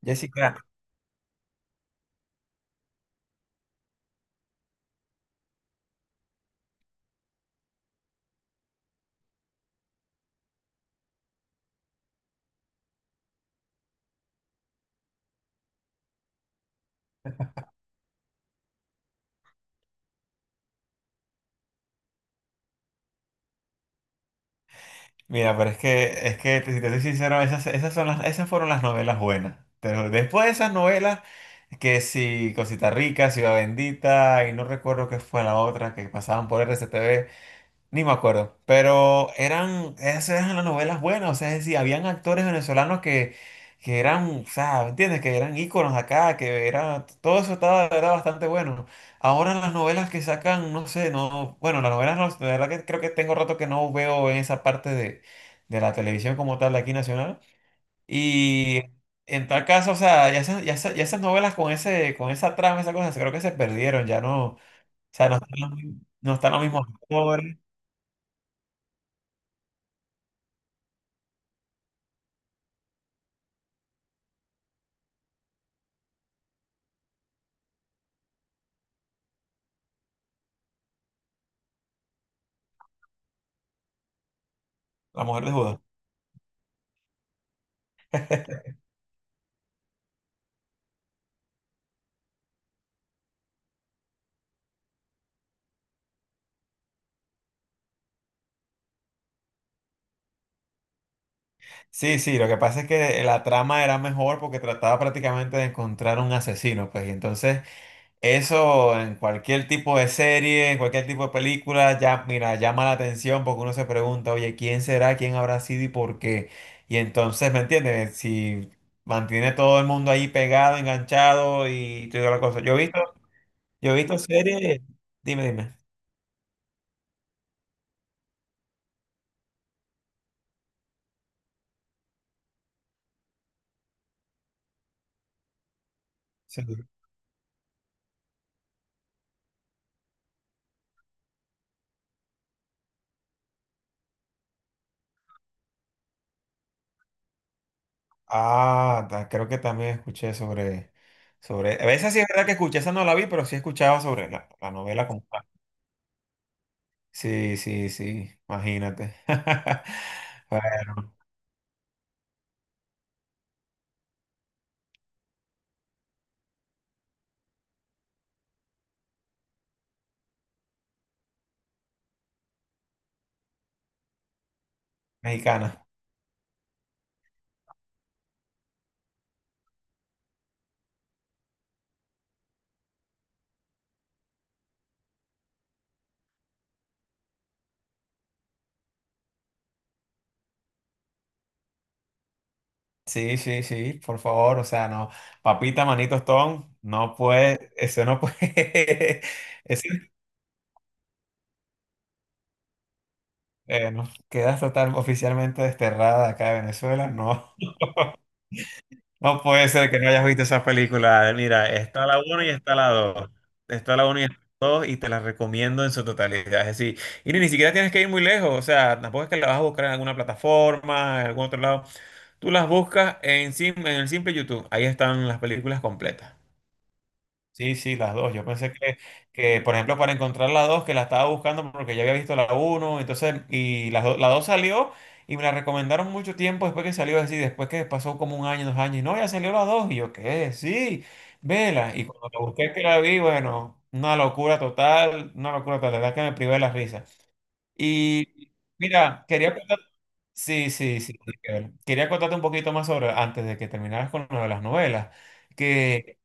Jessica, mira, pero es que si te soy sincero, esas son las, esas fueron las novelas buenas. Pero después de esas novelas, que si Cosita Rica, Ciudad Bendita, y no recuerdo qué fue la otra que pasaban por RCTV. Ni me acuerdo, pero eran, esas eran las novelas buenas, o sea, es decir, habían actores venezolanos que eran, o sea, ¿me entiendes? Que eran íconos acá, que era, todo eso estaba, era bastante bueno. Ahora las novelas que sacan, no sé, no, bueno, las novelas, no, de verdad que creo que tengo rato que no veo en esa parte de la televisión como tal, de aquí nacional. Y en tal caso, o sea, ya esas novelas con ese, con esa trama, esas cosas, creo que se perdieron, ya no, o sea, no están los mismos actores, la mujer de Judas. Sí, sí, lo que pasa es que la trama era mejor porque trataba prácticamente de encontrar un asesino, pues, y entonces eso en cualquier tipo de serie, en cualquier tipo de película, ya, mira, llama la atención porque uno se pregunta, oye, ¿quién será? ¿Quién habrá sido y por qué? Y entonces, ¿me entiendes? Si mantiene todo el mundo ahí pegado, enganchado y toda la cosa. Yo he visto series, dime. Sí. Ah, creo que también escuché sobre, sobre, a veces sí es verdad que escuché, esa no la vi, pero sí escuchaba sobre la, la novela como tal. Sí, sí, sí, imagínate. Bueno, Mexicana. Sí, sí, sí, por favor, o sea, no, papita, manito, Stone, no puede, eso no puede, eso, no, quedas total oficialmente desterrada de acá de Venezuela, no. No puede ser que no hayas visto esa película. Mira, está la uno y está la 2. Está la uno y está la 2 y te la recomiendo en su totalidad. Es decir, y ni siquiera tienes que ir muy lejos. O sea, tampoco es que la vas a buscar en alguna plataforma, en algún otro lado. Tú las buscas en, en el simple YouTube. Ahí están las películas completas. Sí, sí, las dos. Que, por ejemplo, para encontrar la dos, que la estaba buscando porque ya había visto la uno, entonces, y la, la dos salió y me la recomendaron mucho tiempo después que salió así, después que pasó como un año, dos años, y no, ya salió la dos, y yo, ¿qué? Sí, vela. Y cuando la busqué que la vi, bueno, una locura total, la verdad que me privé de la risa. Y mira, quería contar- sí, sí, sí, sí, quería contarte un poquito más sobre, antes de que terminaras con lo de las novelas que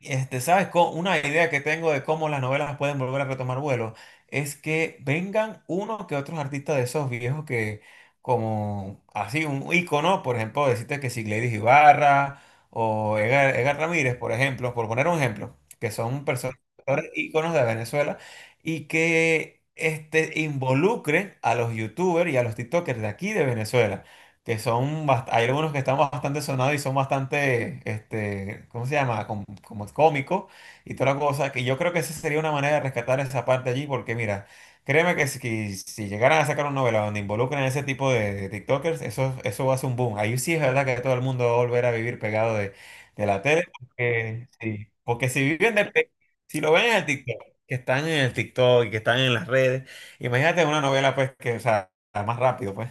¿sabes? Una idea que tengo de cómo las novelas pueden volver a retomar vuelo es que vengan uno que otros artistas de esos viejos que, como así, un ícono, por ejemplo, decirte que si Gladys Ibarra o Edgar Ramírez, por ejemplo, por poner un ejemplo, que son personas, actores íconos de Venezuela y que involucren a los youtubers y a los TikTokers de aquí de Venezuela que son, hay algunos que están bastante sonados y son bastante, ¿cómo se llama? Cómicos y toda la cosa, que yo creo que esa sería una manera de rescatar esa parte allí, porque mira, créeme que si llegaran a sacar una novela donde involucran a ese tipo de TikTokers, eso va a ser un boom. Ahí sí es verdad que todo el mundo va a volver a vivir pegado de la tele, porque, sí, porque si viven de, si lo ven en el TikTok, que están en el TikTok y que están en las redes, imagínate una novela pues que, o sea, más rápido pues.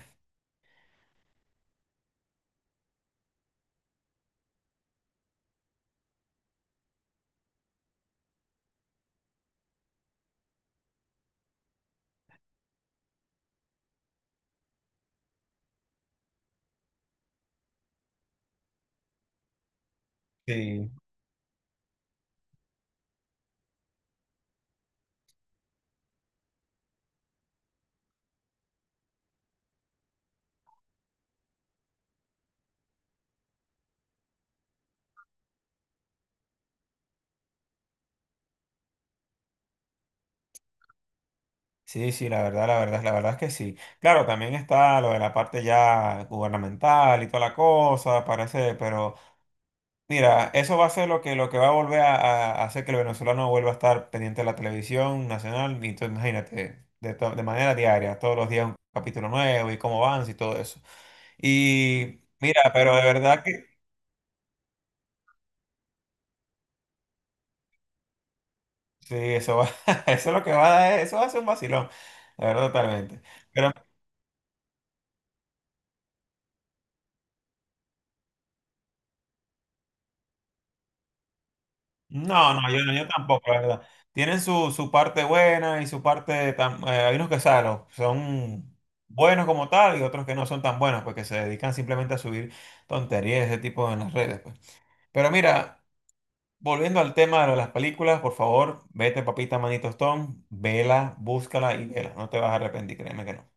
Sí. Sí, sí, la verdad, la verdad, la verdad es que sí. Claro, también está lo de la parte ya gubernamental y toda la cosa, parece, pero mira, eso va a ser lo que va a volver a hacer que el venezolano vuelva a estar pendiente de la televisión nacional, y tú imagínate, de, de manera diaria, todos los días un capítulo nuevo y cómo van y todo eso. Y mira, pero de verdad que sí, eso va, eso es lo que va a dar, eso va a ser un vacilón, la verdad, totalmente. Pero no, no, yo tampoco, la verdad. Tienen su, su parte buena y su parte... hay unos que saben, son buenos como tal y otros que no son tan buenos, porque se dedican simplemente a subir tonterías de ese tipo en las redes, pues. Pero mira, volviendo al tema de las películas, por favor, vete, papita, manito Stone, vela, búscala y vela. No te vas a arrepentir, créeme que no.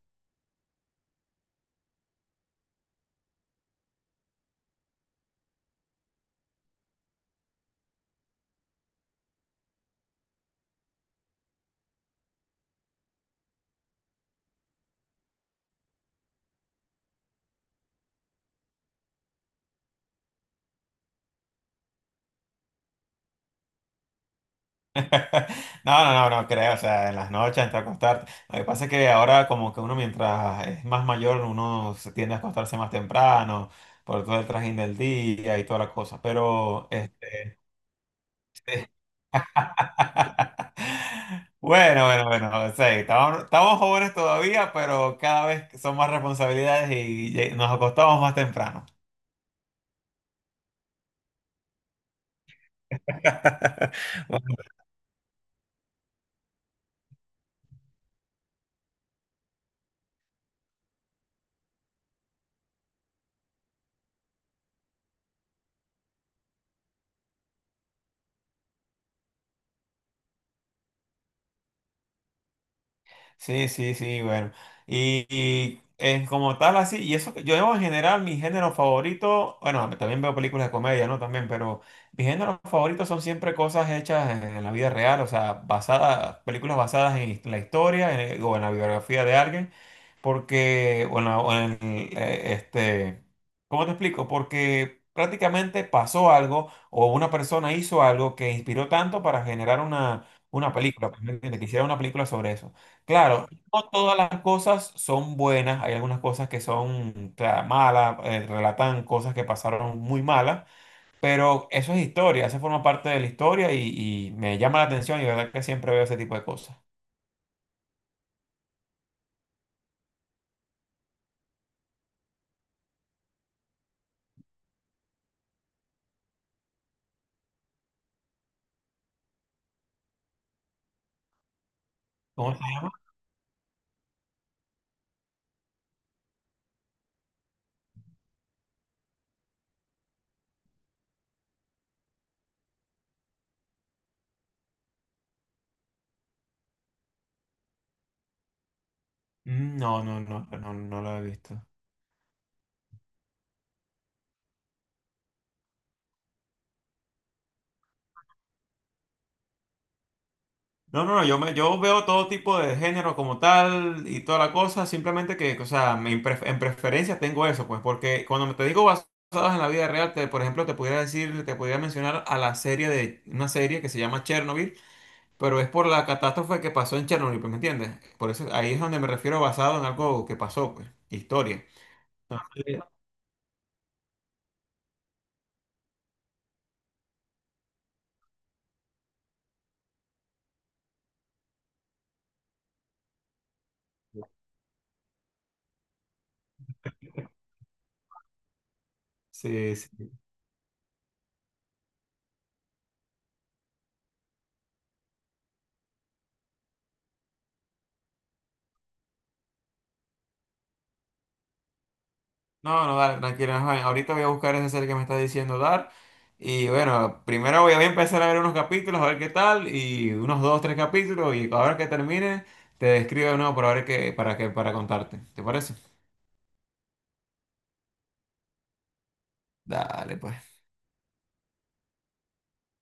No, no, no, no creo, o sea, en las noches, antes de acostarte. Lo que pasa es que ahora como que uno mientras es más mayor, uno se tiende a acostarse más temprano por todo el trajín del día y toda la cosa. Pero, sí. Bueno, bueno, bueno, sí, estamos jóvenes todavía, pero cada vez son más responsabilidades y nos acostamos más temprano. Bueno, sí, sí, sí, bueno. Como tal, así, y eso que yo en general, mi género favorito, bueno, también veo películas de comedia, ¿no? También, pero mis géneros favoritos son siempre cosas hechas en la vida real, o sea, basadas, películas basadas en la historia o en la biografía de alguien, porque, bueno, ¿cómo te explico? Porque prácticamente pasó algo o una persona hizo algo que inspiró tanto para generar una película, pues, ¿me entiendes? Que hiciera una película sobre eso. Claro, no todas las cosas son buenas, hay algunas cosas que son claro, malas, relatan cosas que pasaron muy malas, pero eso es historia, eso forma parte de la historia y me llama la atención y la verdad que siempre veo ese tipo de cosas. ¿Cómo se llama? Mm, no, no, no, no, no lo he visto. No, no, no, yo veo todo tipo de género como tal y toda la cosa, simplemente que, o sea, en preferencia tengo eso, pues, porque cuando te digo basados en la vida real, te, por ejemplo, te pudiera decir, te pudiera mencionar a la serie de, una serie que se llama Chernobyl, pero es por la catástrofe que pasó en Chernobyl, pues, ¿me entiendes? Por eso ahí es donde me refiero basado en algo que pasó, pues, historia. Entonces, sí, sí. No, no, dale, tranquila, ajá, ahorita voy a buscar esa serie que me está diciendo dar. Y bueno, primero voy a empezar a ver unos capítulos, a ver qué tal, y unos dos, tres capítulos, y ahora que termine, te escribo de nuevo para ver para contarte. ¿Te parece? Dale, pues.